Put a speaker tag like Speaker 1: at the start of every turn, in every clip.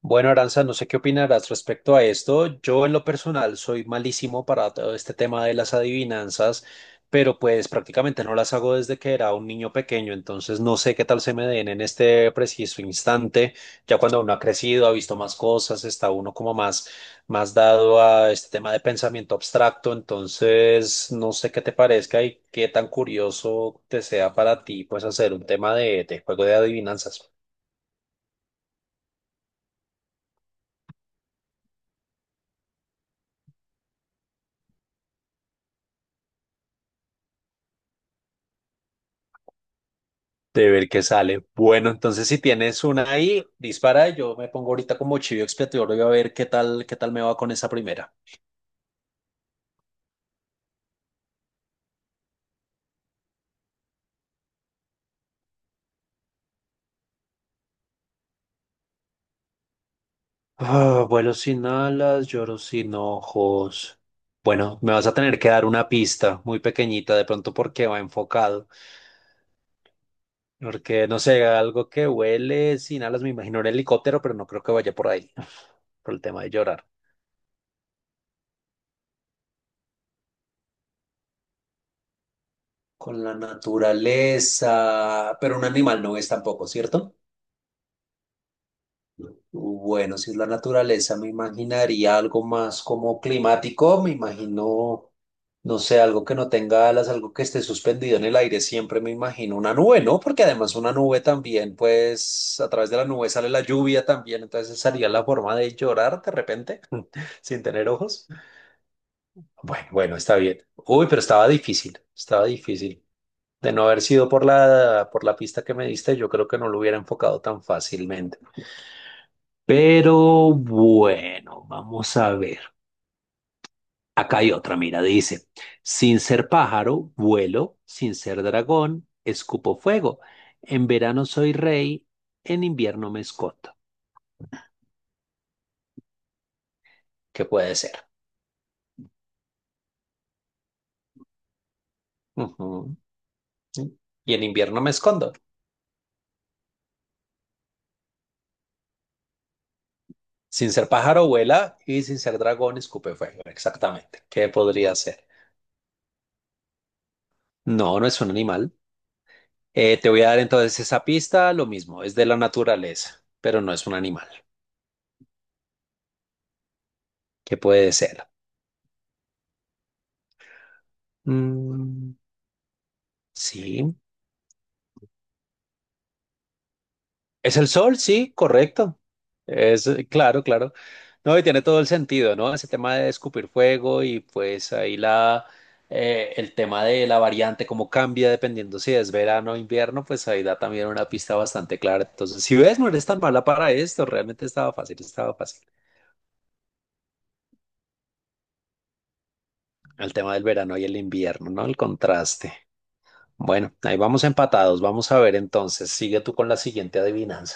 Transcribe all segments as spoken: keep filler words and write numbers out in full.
Speaker 1: Bueno, Aranza, no sé qué opinarás respecto a esto. Yo en lo personal soy malísimo para todo este tema de las adivinanzas, pero pues prácticamente no las hago desde que era un niño pequeño, entonces no sé qué tal se me den en este preciso instante. Ya cuando uno ha crecido, ha visto más cosas, está uno como más, más dado a este tema de pensamiento abstracto, entonces no sé qué te parezca y qué tan curioso te sea para ti pues hacer un tema de de juego de adivinanzas. De ver qué sale. Bueno, entonces si tienes una ahí, dispara. Yo me pongo ahorita como chivo expiatorio y a ver qué tal, qué tal me va con esa primera. Ah, vuelo sin alas, lloro sin ojos. Bueno, me vas a tener que dar una pista muy pequeñita, de pronto porque va enfocado. Porque no sé, algo que huele sin alas, me imagino un helicóptero, pero no creo que vaya por ahí, por el tema de llorar. Con la naturaleza, pero un animal no es tampoco, ¿cierto? Bueno, si es la naturaleza, me imaginaría algo más como climático, me imagino, no sé, algo que no tenga alas, algo que esté suspendido en el aire, siempre me imagino una nube, ¿no? Porque además una nube también, pues a través de la nube sale la lluvia también, entonces esa sería la forma de llorar de repente, sin tener ojos. Bueno, bueno, está bien. Uy, pero estaba difícil, estaba difícil. De no haber sido por la, por la pista que me diste, yo creo que no lo hubiera enfocado tan fácilmente. Pero bueno, vamos a ver. Acá hay otra, mira, dice, sin ser pájaro, vuelo, sin ser dragón, escupo fuego. En verano soy rey, en invierno me escondo. ¿Qué puede ser? Ujú. Y en invierno me escondo. Sin ser pájaro, vuela y sin ser dragón, escupe fuego. Exactamente. ¿Qué podría ser? No, no es un animal. Eh, te voy a dar entonces esa pista, lo mismo, es de la naturaleza, pero no es un animal. ¿Qué puede ser? Mm, sí, es el sol, sí, correcto. Es eh, claro, claro. No, y tiene todo el sentido, ¿no? Ese tema de escupir fuego y pues ahí la eh, el tema de la variante, cómo cambia dependiendo si es verano o invierno, pues ahí da también una pista bastante clara. Entonces, si ves, no eres tan mala para esto, realmente estaba fácil, estaba fácil. El tema del verano y el invierno, ¿no? El contraste. Bueno, ahí vamos empatados. Vamos a ver entonces. Sigue tú con la siguiente adivinanza.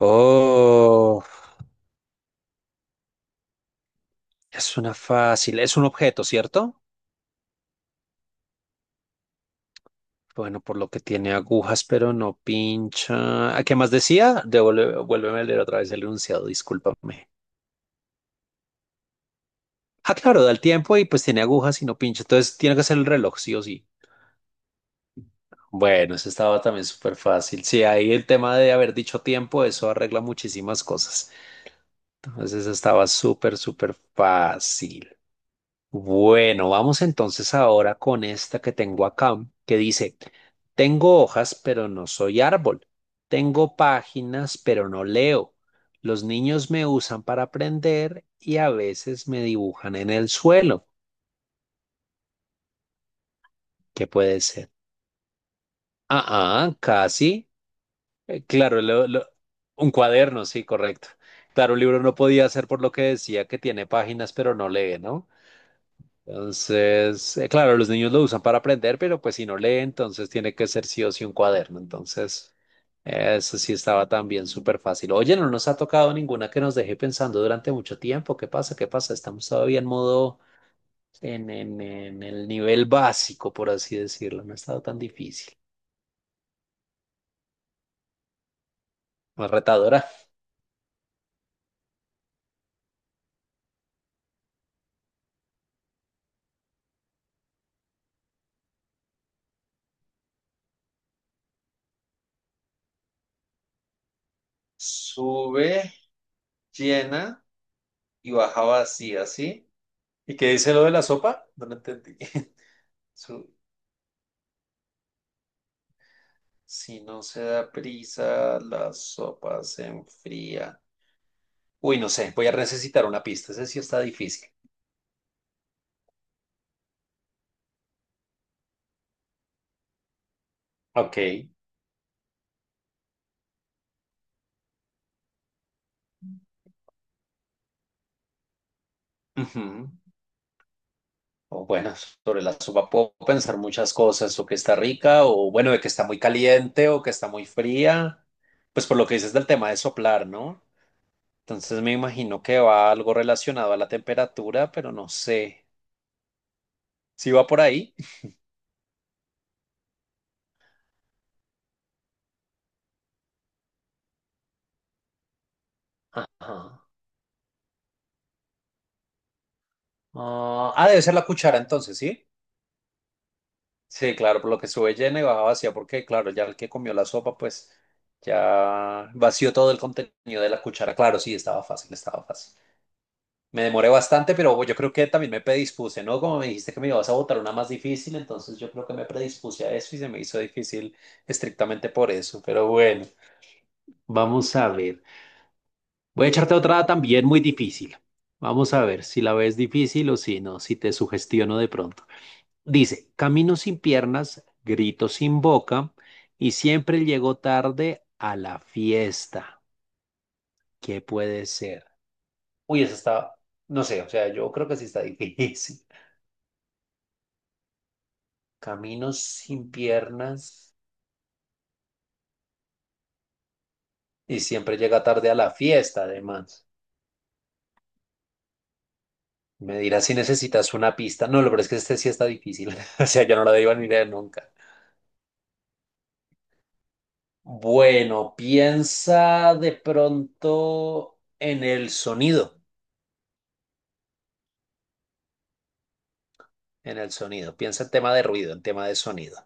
Speaker 1: Oh. Es una fácil, es un objeto, ¿cierto? Bueno, por lo que tiene agujas, pero no pincha. ¿A qué más decía? Devuelve, vuélveme a leer otra vez el enunciado, discúlpame. Ah, claro, da el tiempo y pues tiene agujas y no pincha. Entonces tiene que ser el reloj, sí o sí. Bueno, eso estaba también súper fácil. Sí, ahí el tema de haber dicho tiempo, eso arregla muchísimas cosas. Entonces eso estaba súper, súper fácil. Bueno, vamos entonces ahora con esta que tengo acá, que dice, tengo hojas, pero no soy árbol. Tengo páginas, pero no leo. Los niños me usan para aprender y a veces me dibujan en el suelo. ¿Qué puede ser? Ah, ah, casi. Eh, claro, lo- lo- Un cuaderno, sí, correcto. Claro, un libro no podía ser por lo que decía que tiene páginas, pero no lee, ¿no? Entonces, eh, claro, los niños lo usan para aprender, pero pues si no lee, entonces tiene que ser sí o sí un cuaderno. Entonces, eh, eso sí estaba también súper fácil. Oye, no nos ha tocado ninguna que nos deje pensando durante mucho tiempo. ¿Qué pasa? ¿Qué pasa? Estamos todavía en modo, en, en, en el nivel básico, por así decirlo. No ha estado tan difícil. Más retadora. Sube llena y baja vacía, ¿sí? ¿Y qué dice lo de la sopa? No lo entendí. Su- Si no se da prisa, la sopa se enfría. Uy, no sé, voy a necesitar una pista. Ese sí está difícil. Ok. Ujú. O bueno, sobre la sopa puedo pensar muchas cosas, o que está rica, o bueno, de que está muy caliente, o que está muy fría. Pues por lo que dices del tema de soplar, ¿no? Entonces me imagino que va algo relacionado a la temperatura, pero no sé. ¿Sí va por ahí? Ajá. Ah, ah, debe ser la cuchara entonces, ¿sí? Sí, claro, por lo que sube llena y baja vacía, porque claro, ya el que comió la sopa, pues ya vació todo el contenido de la cuchara. Claro, sí, estaba fácil, estaba fácil. Me demoré bastante, pero yo creo que también me predispuse, ¿no? Como me dijiste que me ibas a botar una más difícil, entonces yo creo que me predispuse a eso y se me hizo difícil estrictamente por eso. Pero bueno, vamos a ver. Voy a echarte otra también muy difícil. Vamos a ver si la ves difícil o si no, si te sugestiono de pronto. Dice, camino sin piernas, grito sin boca y siempre llego tarde a la fiesta. ¿Qué puede ser? Uy, esa está, no sé, o sea, yo creo que sí está difícil. Camino sin piernas y siempre llega tarde a la fiesta, además. Me dirás si necesitas una pista. No, lo peor es que este sí está difícil. O sea, yo no lo debo ni leer nunca. Bueno, piensa de pronto en el sonido. En el sonido. Piensa en tema de ruido, en tema de sonido.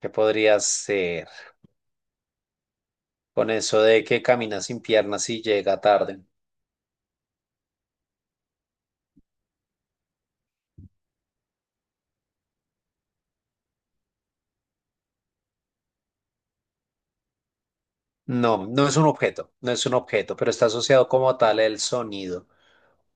Speaker 1: ¿Qué podría ser con eso de que camina sin piernas y llega tarde? No, no es un objeto, no es un objeto, pero está asociado como tal el sonido.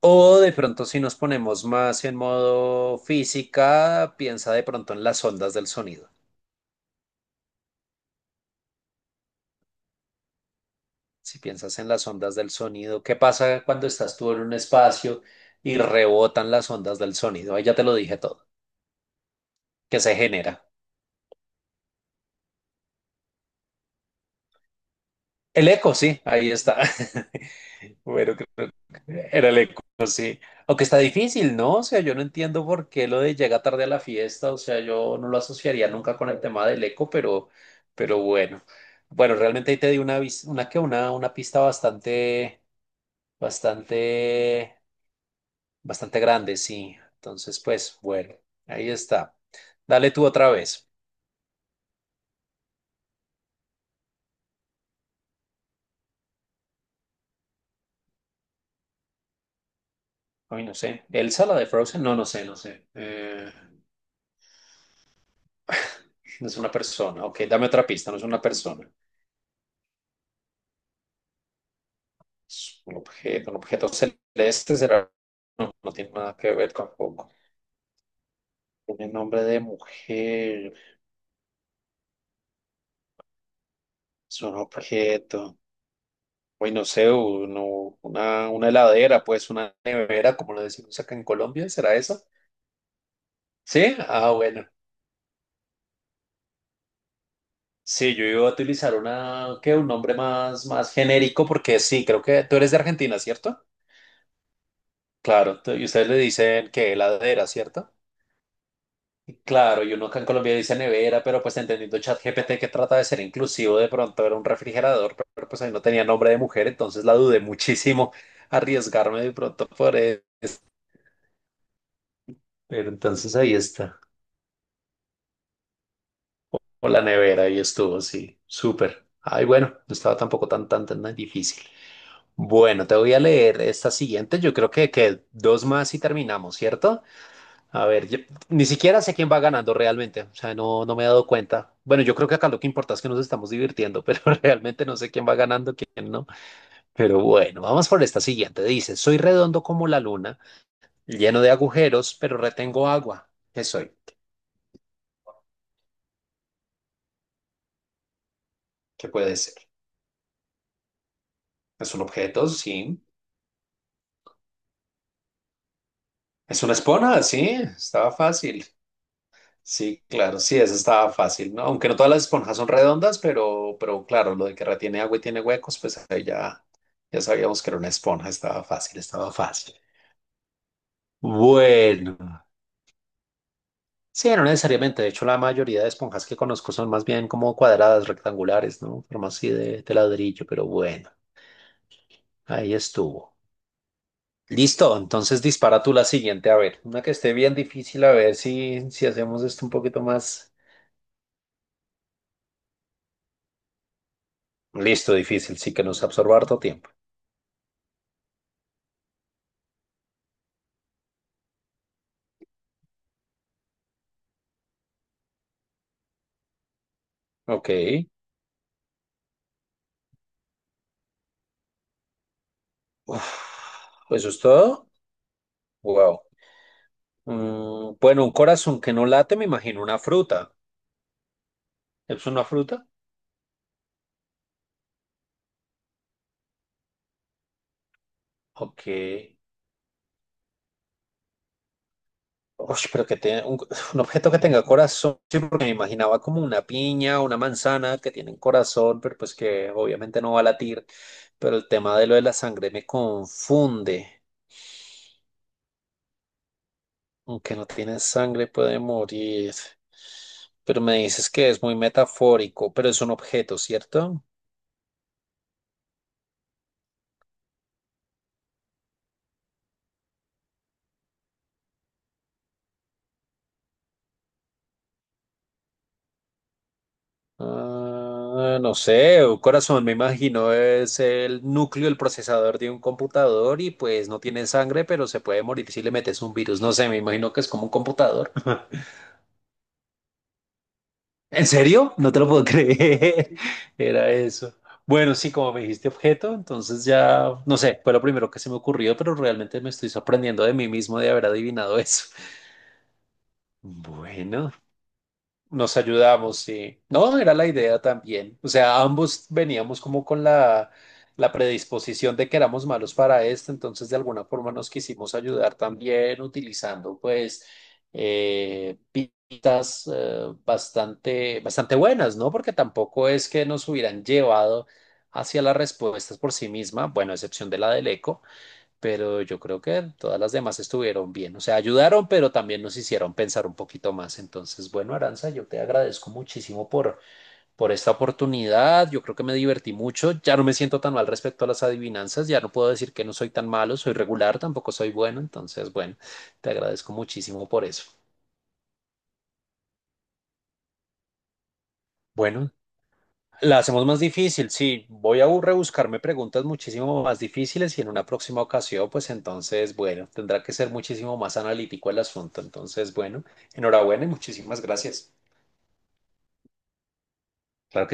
Speaker 1: O de pronto si nos ponemos más en modo física, piensa de pronto en las ondas del sonido. Si piensas en las ondas del sonido, ¿qué pasa cuando estás tú en un espacio y rebotan las ondas del sonido? Ahí ya te lo dije todo, que se genera. El eco, sí, ahí está. Bueno, creo que era el eco, sí. Aunque está difícil, ¿no? O sea, yo no entiendo por qué lo de llega tarde a la fiesta, o sea, yo no lo asociaría nunca con el tema del eco, pero, pero bueno. Bueno, realmente ahí te di una, vis- una, que una, una pista bastante, bastante, bastante grande, sí. Entonces, pues, bueno, ahí está. Dale tú otra vez. Ay, no sé. ¿Elsa, la de Frozen? No, no sé, no sé. Eh, no es una persona. Ok, dame otra pista, no es una persona. Es un objeto, un objeto celeste será, no, no tiene nada que ver tampoco. Tiene nombre de mujer, es un objeto. Uy, no sé, uno- una, una heladera, pues una nevera, como lo decimos acá en Colombia, ¿será eso? Sí, ah, bueno. Sí, yo iba a utilizar una, qué un nombre más, más genérico, porque sí, creo que tú eres de Argentina, ¿cierto? Claro, tú- y ustedes le dicen que heladera, ¿cierto? Claro, y uno acá en Colombia dice nevera, pero pues entendiendo ChatGPT que trata de ser inclusivo, de pronto era un refrigerador, pero pues ahí no tenía nombre de mujer, entonces la dudé muchísimo arriesgarme de pronto por él. Pero entonces ahí está. O la nevera, ahí estuvo, sí, súper. Ay, bueno, no estaba tampoco tan, tan, tan tan difícil. Bueno, te voy a leer esta siguiente, yo creo que, que dos más y terminamos, ¿cierto? A ver, yo- ni siquiera sé quién va ganando realmente, o sea, no, no me he dado cuenta. Bueno, yo creo que acá lo que importa es que nos estamos divirtiendo, pero realmente no sé quién va ganando, quién no. Pero bueno, vamos por esta siguiente. Dice, soy redondo como la luna, lleno de agujeros, pero retengo agua. ¿Qué soy? ¿Qué puede ser? ¿Es un objeto? Sí. ¿Es una espona? Sí, estaba fácil. Sí, claro, sí, eso estaba fácil, ¿no? Aunque no todas las esponjas son redondas, pero, pero claro, lo de que retiene agua y tiene huecos, pues ahí ya, ya sabíamos que era una esponja, estaba fácil, estaba fácil. Bueno, sí, no necesariamente, de hecho la mayoría de esponjas que conozco son más bien como cuadradas, rectangulares, ¿no? Forma así de, de ladrillo, pero bueno, ahí estuvo. Listo, entonces dispara tú la siguiente, a ver, una que esté bien difícil, a ver si, si hacemos esto un poquito más... Listo, difícil, sí que nos absorba harto tiempo. Ok. Uf, ¿eso es todo? Wow. Mm, bueno, un corazón que no late, me imagino una fruta. ¿Es una fruta? Ok. Ush, pero que tenga un, un objeto que tenga corazón. Sí, porque me imaginaba como una piña, una manzana que tienen corazón, pero pues que obviamente no va a latir. Pero el tema de lo de la sangre me confunde. Aunque no tiene sangre, puede morir. Pero me dices que es muy metafórico, pero es un objeto, ¿cierto? Ah, no sé, un corazón me imagino es el núcleo, el procesador de un computador y pues no tiene sangre, pero se puede morir si le metes un virus. No sé, me imagino que es como un computador. ¿En serio? No te lo puedo creer. Era eso. Bueno, sí, como me dijiste objeto, entonces ya, no sé, fue lo primero que se me ocurrió, pero realmente me estoy sorprendiendo de mí mismo de haber adivinado eso. Bueno. Nos ayudamos, sí. No, era la idea también. O sea, ambos veníamos como con la, la predisposición de que éramos malos para esto, entonces de alguna forma nos quisimos ayudar también utilizando pues eh, pistas eh, bastante, bastante buenas, ¿no? Porque tampoco es que nos hubieran llevado hacia las respuestas por sí misma, bueno, a excepción de la del eco pero yo creo que todas las demás estuvieron bien. O sea, ayudaron, pero también nos hicieron pensar un poquito más. Entonces, bueno, Aranza, yo te agradezco muchísimo por, por esta oportunidad. Yo creo que me divertí mucho. Ya no me siento tan mal respecto a las adivinanzas. Ya no puedo decir que no soy tan malo, soy regular, tampoco soy bueno. Entonces, bueno, te agradezco muchísimo por eso. Bueno, la hacemos más difícil, sí. Voy a bu- rebuscarme preguntas muchísimo más difíciles y en una próxima ocasión, pues entonces, bueno, tendrá que ser muchísimo más analítico el asunto. Entonces, bueno, enhorabuena y muchísimas gracias. Claro